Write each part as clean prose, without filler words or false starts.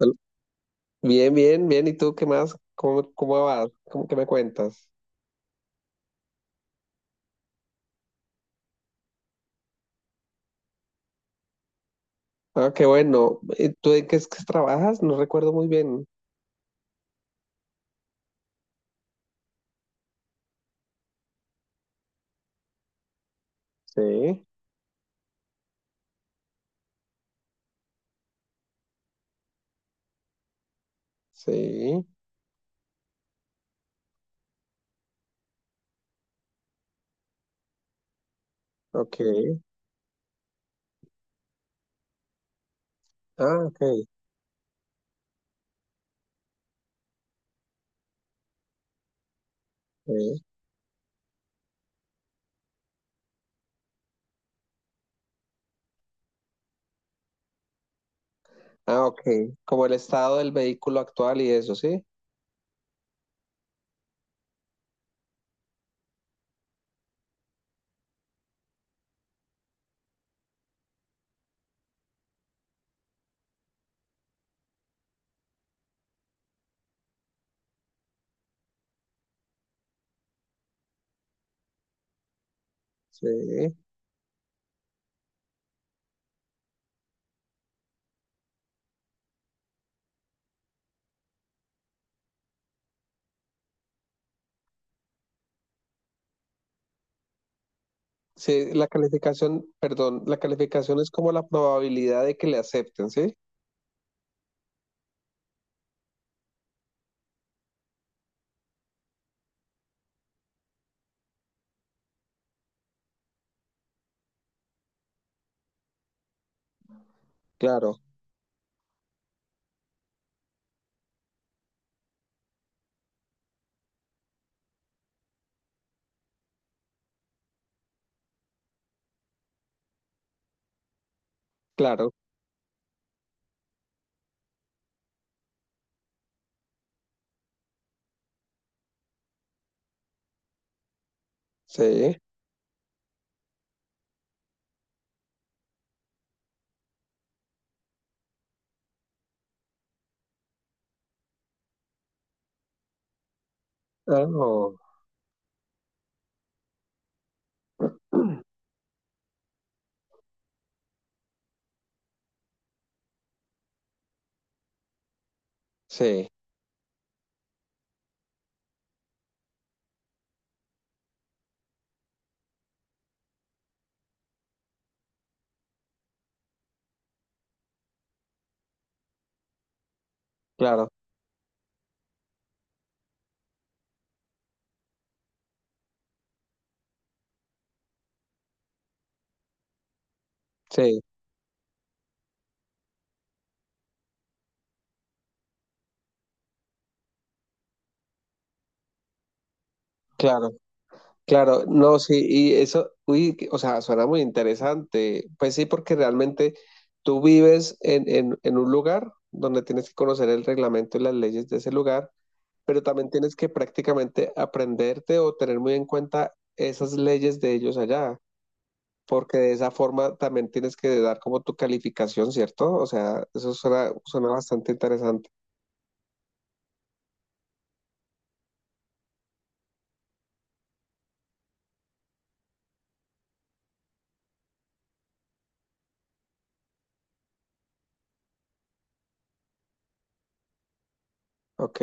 Al- Bien, bien, bien. ¿Y tú qué más? ¿Cómo vas? ¿Cómo que me cuentas? Ah, qué bueno. ¿Tú en qué es que trabajas? No recuerdo muy bien. Sí, sí, ok. Ah, ok. Sí. Ah, ok. Como el estado del vehículo actual y eso, ¿sí? Sí. Sí, la calificación, perdón, la calificación es como la probabilidad de que le acepten, ¿sí? Claro, claro. Sí. Ah, oh. Sí, claro, sí, claro. Claro, no, sí, y eso, uy, o sea, suena muy interesante. Pues sí, porque realmente tú vives en un lugar donde tienes que conocer el reglamento y las leyes de ese lugar, pero también tienes que prácticamente aprenderte o tener muy en cuenta esas leyes de ellos allá, porque de esa forma también tienes que dar como tu calificación, ¿cierto? O sea, eso suena bastante interesante. Ok.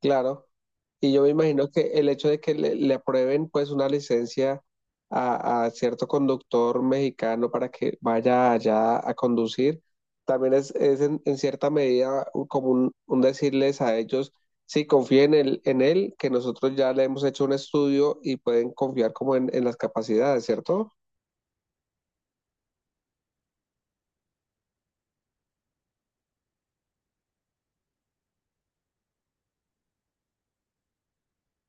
Claro, y yo me imagino que el hecho de que le aprueben pues una licencia a cierto conductor mexicano para que vaya allá a conducir, también es en cierta medida como un decirles a ellos, sí, confíen en él, que nosotros ya le hemos hecho un estudio y pueden confiar como en las capacidades, ¿cierto?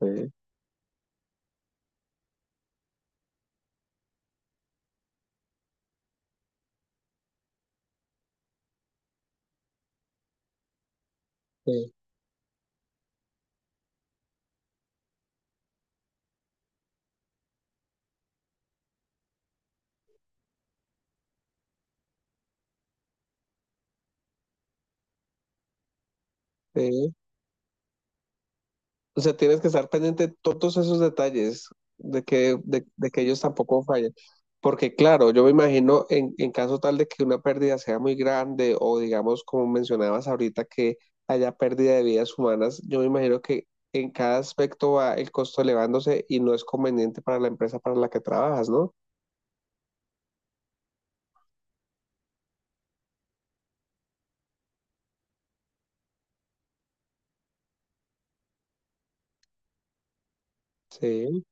Sí. Sí. Sí. O sea, tienes que estar pendiente de todos esos detalles, de que, de que ellos tampoco fallen. Porque claro, yo me imagino en caso tal de que una pérdida sea muy grande o digamos, como mencionabas ahorita, que haya pérdida de vidas humanas, yo me imagino que en cada aspecto va el costo elevándose y no es conveniente para la empresa para la que trabajas, ¿no? Sí,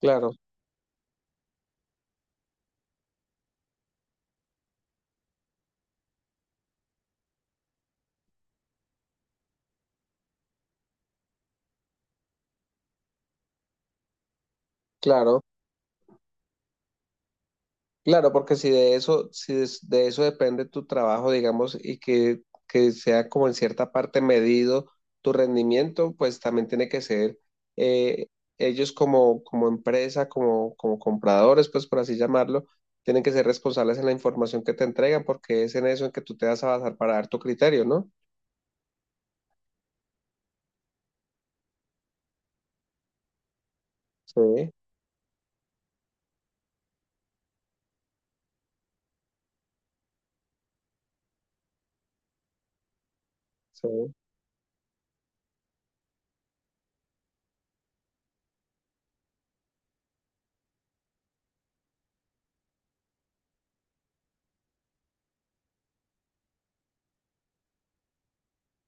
claro, claro. Claro, porque si de eso, si de, de eso depende tu trabajo, digamos, y que sea como en cierta parte medido tu rendimiento, pues también tiene que ser eh, ellos como, como empresa, como, como compradores, pues por así llamarlo, tienen que ser responsables en la información que te entregan, porque es en eso en que tú te vas a basar para dar tu criterio, ¿no? Sí, sí,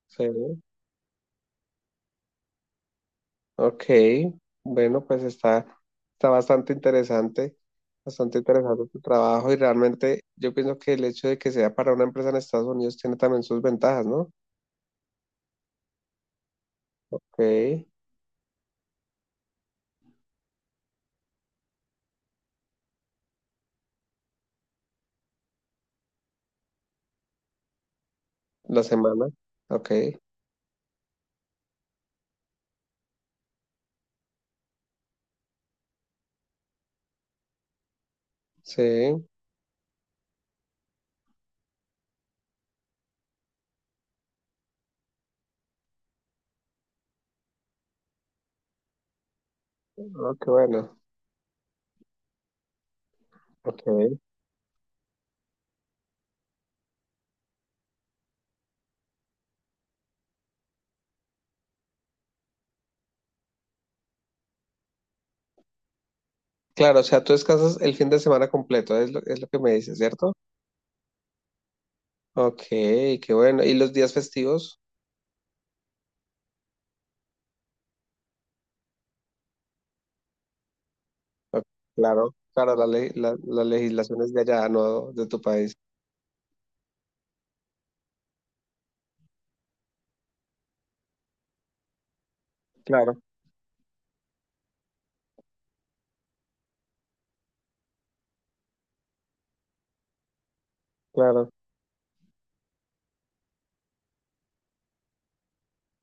sí. Ok, bueno, está bastante interesante tu trabajo y realmente yo pienso que el hecho de que sea para una empresa en Estados Unidos tiene también sus ventajas, ¿no? Ok, la semana, ok, sí, oh, qué bueno, ok. Claro, o sea, tú descansas el fin de semana completo, es lo que me dices, ¿cierto? Ok, qué bueno. ¿Y los días festivos? Ok. Claro, claro, la, la legislación es de allá, no de tu país. Claro, claro.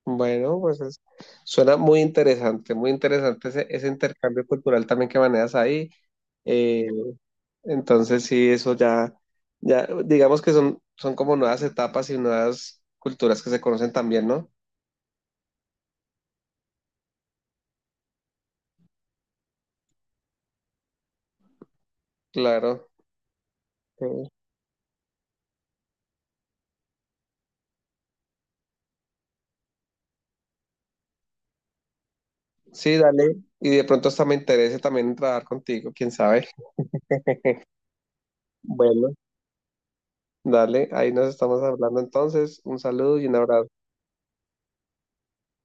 Bueno, suena muy interesante ese, ese intercambio cultural también que manejas ahí. Eh, entonces, sí, ya, digamos que son, son como nuevas etapas y nuevas culturas que se conocen también, ¿no? Claro. Sí, sí, dale. Y de pronto hasta me interese también trabajar contigo, quién sabe. Bueno, dale, ahí nos estamos hablando entonces. Un saludo y un abrazo.